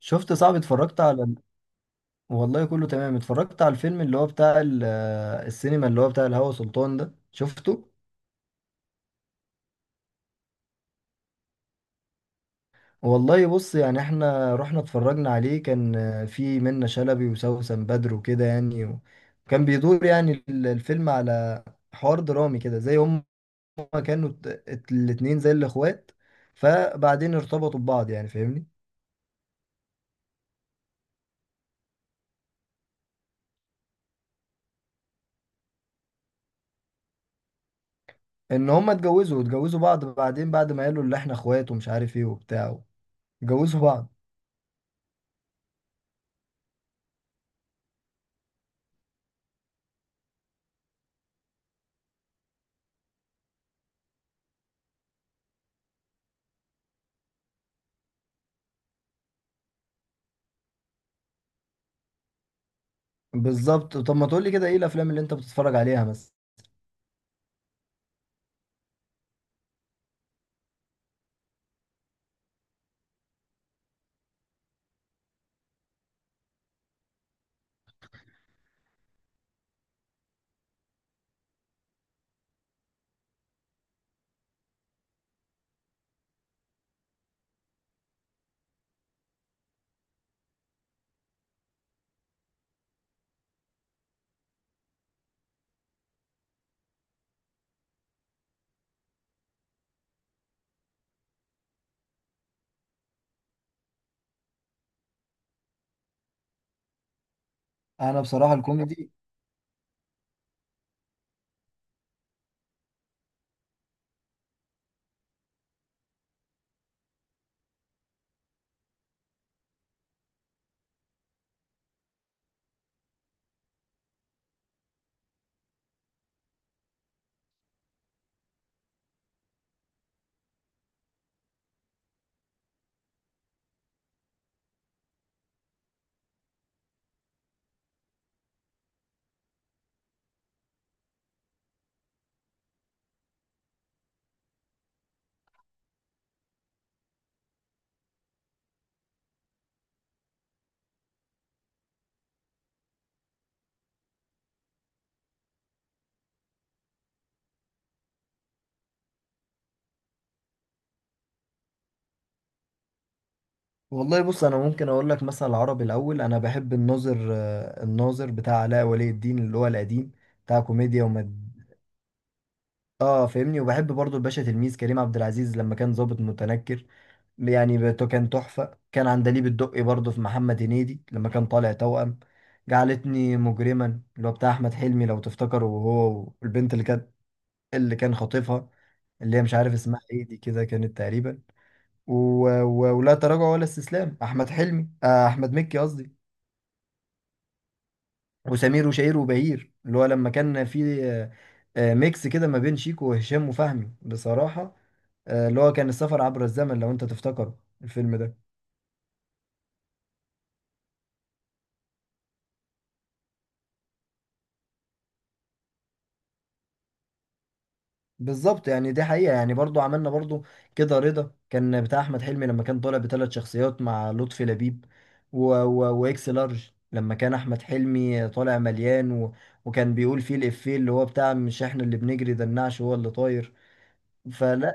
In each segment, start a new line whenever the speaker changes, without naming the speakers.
شفت صعب والله كله تمام. اتفرجت على الفيلم اللي هو بتاع السينما اللي هو بتاع الهوى سلطان ده شفته. والله بص، يعني احنا رحنا اتفرجنا عليه، كان في منة شلبي وسوسن بدر وكده، يعني وكان بيدور يعني الفيلم على حوار درامي كده، زي هم كانوا الاتنين زي الاخوات، فبعدين ارتبطوا ببعض، يعني فاهمني؟ ان هم اتجوزوا بعض بعدين، بعد ما قالوا اللي احنا اخوات ومش عارف ايه وبتاع، اتجوزوا بعض. بالظبط، طب ما تقولي كده، ايه الافلام اللي انت بتتفرج عليها مثلا؟ انا بصراحه الكوميدي. والله بص، انا ممكن اقول لك مثلا العربي الاول، انا بحب الناظر، الناظر بتاع علاء ولي الدين اللي هو القديم، بتاع كوميديا ومد. اه فاهمني، وبحب برضو الباشا تلميذ كريم عبد العزيز لما كان ضابط متنكر، يعني كان تحفه. كان عندليب الدقي برضو في محمد هنيدي لما كان طالع توأم. جعلتني مجرما اللي هو بتاع احمد حلمي لو تفتكروا، وهو والبنت اللي كانت، اللي كان خاطفها، اللي هي مش عارف اسمها ايه دي كده، كانت تقريبا و... ولا تراجع ولا استسلام. احمد حلمي، آه احمد مكي قصدي. وسمير وشهير وبهير اللي هو لما كان في ميكس كده ما بين شيكو وهشام وفهمي بصراحة. اللي هو كان السفر عبر الزمن لو انت تفتكره الفيلم ده. بالظبط، يعني دي حقيقة. يعني برضو عملنا برضو كده رضا، كان بتاع أحمد حلمي لما كان طالع بثلاث شخصيات مع لطفي لبيب. وإكس لارج لما كان أحمد حلمي طالع مليان، و... وكان بيقول فيه الإفيه اللي هو بتاع مش إحنا اللي بنجري ده النعش هو اللي طاير. فلا،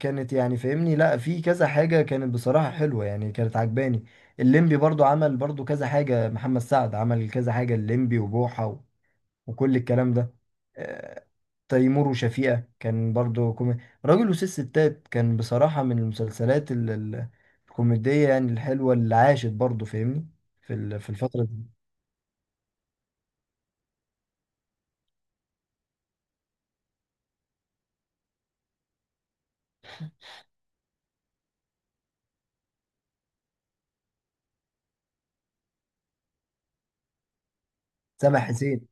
كانت يعني فاهمني، لا في كذا حاجة كانت بصراحة حلوة، يعني كانت عجباني. الليمبي برضو عمل برضو كذا حاجة، محمد سعد عمل كذا حاجة، الليمبي وبوحة وكل الكلام ده. آه، تيمور وشفيقة كان برضو كوميدي. راجل وست ستات كان بصراحة من المسلسلات الكوميدية، يعني الحلوة اللي عاشت برضو فاهمني في في الفترة دي. سامح حسين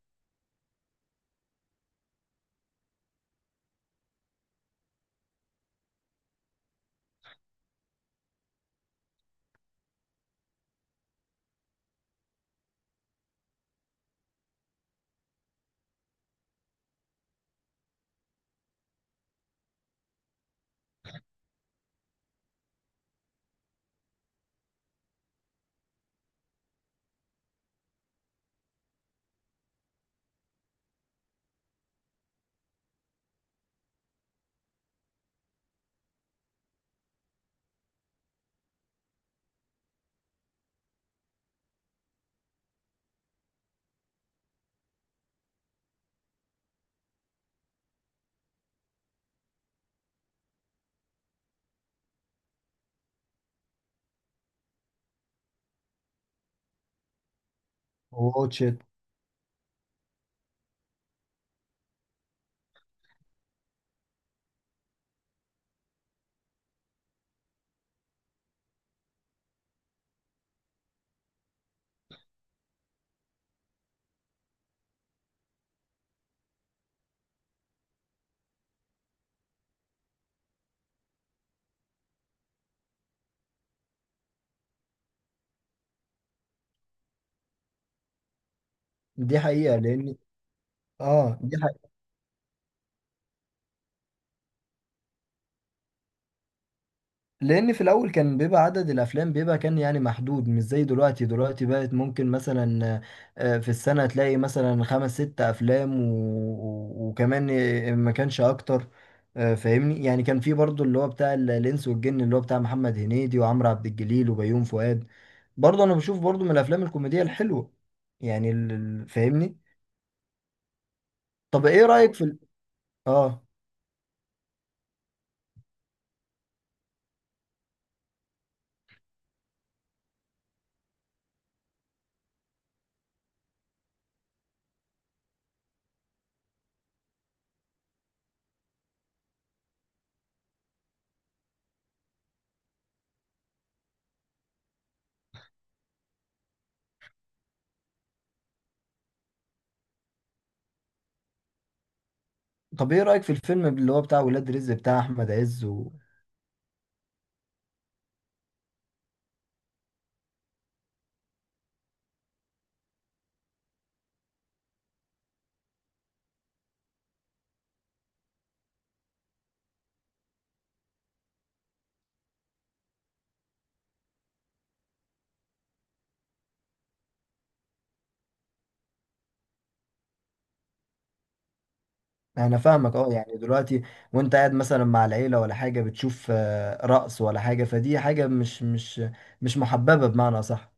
وواتش إت. دي حقيقة لأن، اه دي، لان في الاول كان بيبقى عدد الافلام بيبقى كان يعني محدود، مش زي دلوقتي. دلوقتي بقت ممكن مثلا في السنة تلاقي مثلا خمس ست افلام وكمان ما كانش اكتر. فاهمني، يعني كان في برضو اللي هو بتاع الانس والجن اللي هو بتاع محمد هنيدي وعمرو عبد الجليل وبيوم فؤاد، برضو انا بشوف برضو من الافلام الكوميدية الحلوة، يعني فاهمني. طب ايه رأيك في ال... اه، طب ايه رأيك في الفيلم اللي هو بتاع ولاد رزق بتاع احمد عز؟ انا فاهمك، اه، يعني دلوقتي وانت قاعد مثلا مع العيله ولا حاجه، بتشوف رقص ولا حاجه، فدي حاجه مش محببه، بمعنى صح؟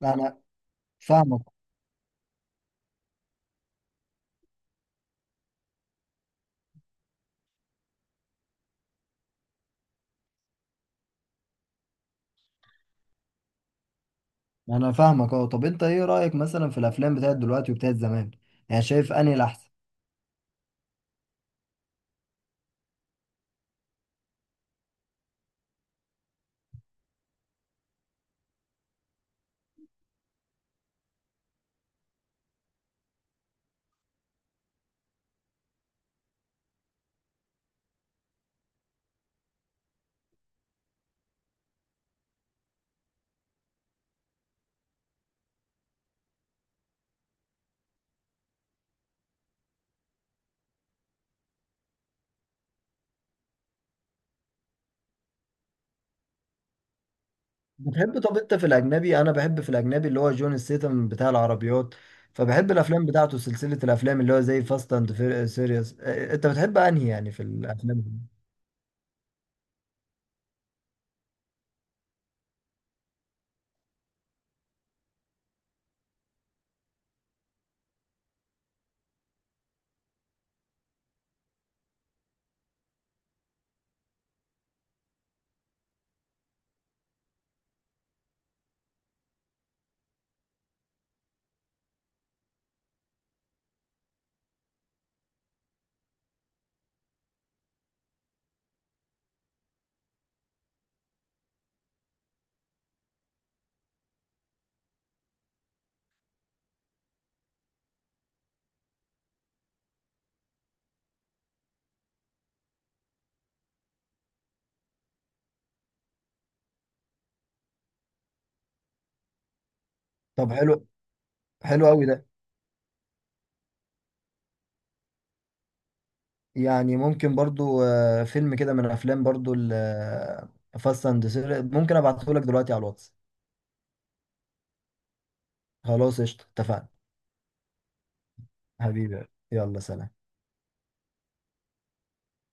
لا انا فاهمك، انا فاهمك. اه، طب انت ايه رايك مثلا في الافلام بتاعت دلوقتي وبتاعت زمان؟ يعني شايف انهي الاحسن؟ بتحب، طب انت في الاجنبي، انا بحب في الاجنبي اللي هو جون ستيثم بتاع العربيات، فبحب الافلام بتاعته سلسله الافلام اللي هو زي فاست اند سيريس. انت بتحب انهي يعني في الافلام دي؟ طب حلو، حلو قوي ده. يعني ممكن برضو فيلم كده من افلام برضو فاست اند، ممكن ابعته لك دلوقتي على الواتس. خلاص قشطة، اتفقنا. حبيبي، يلا سلام.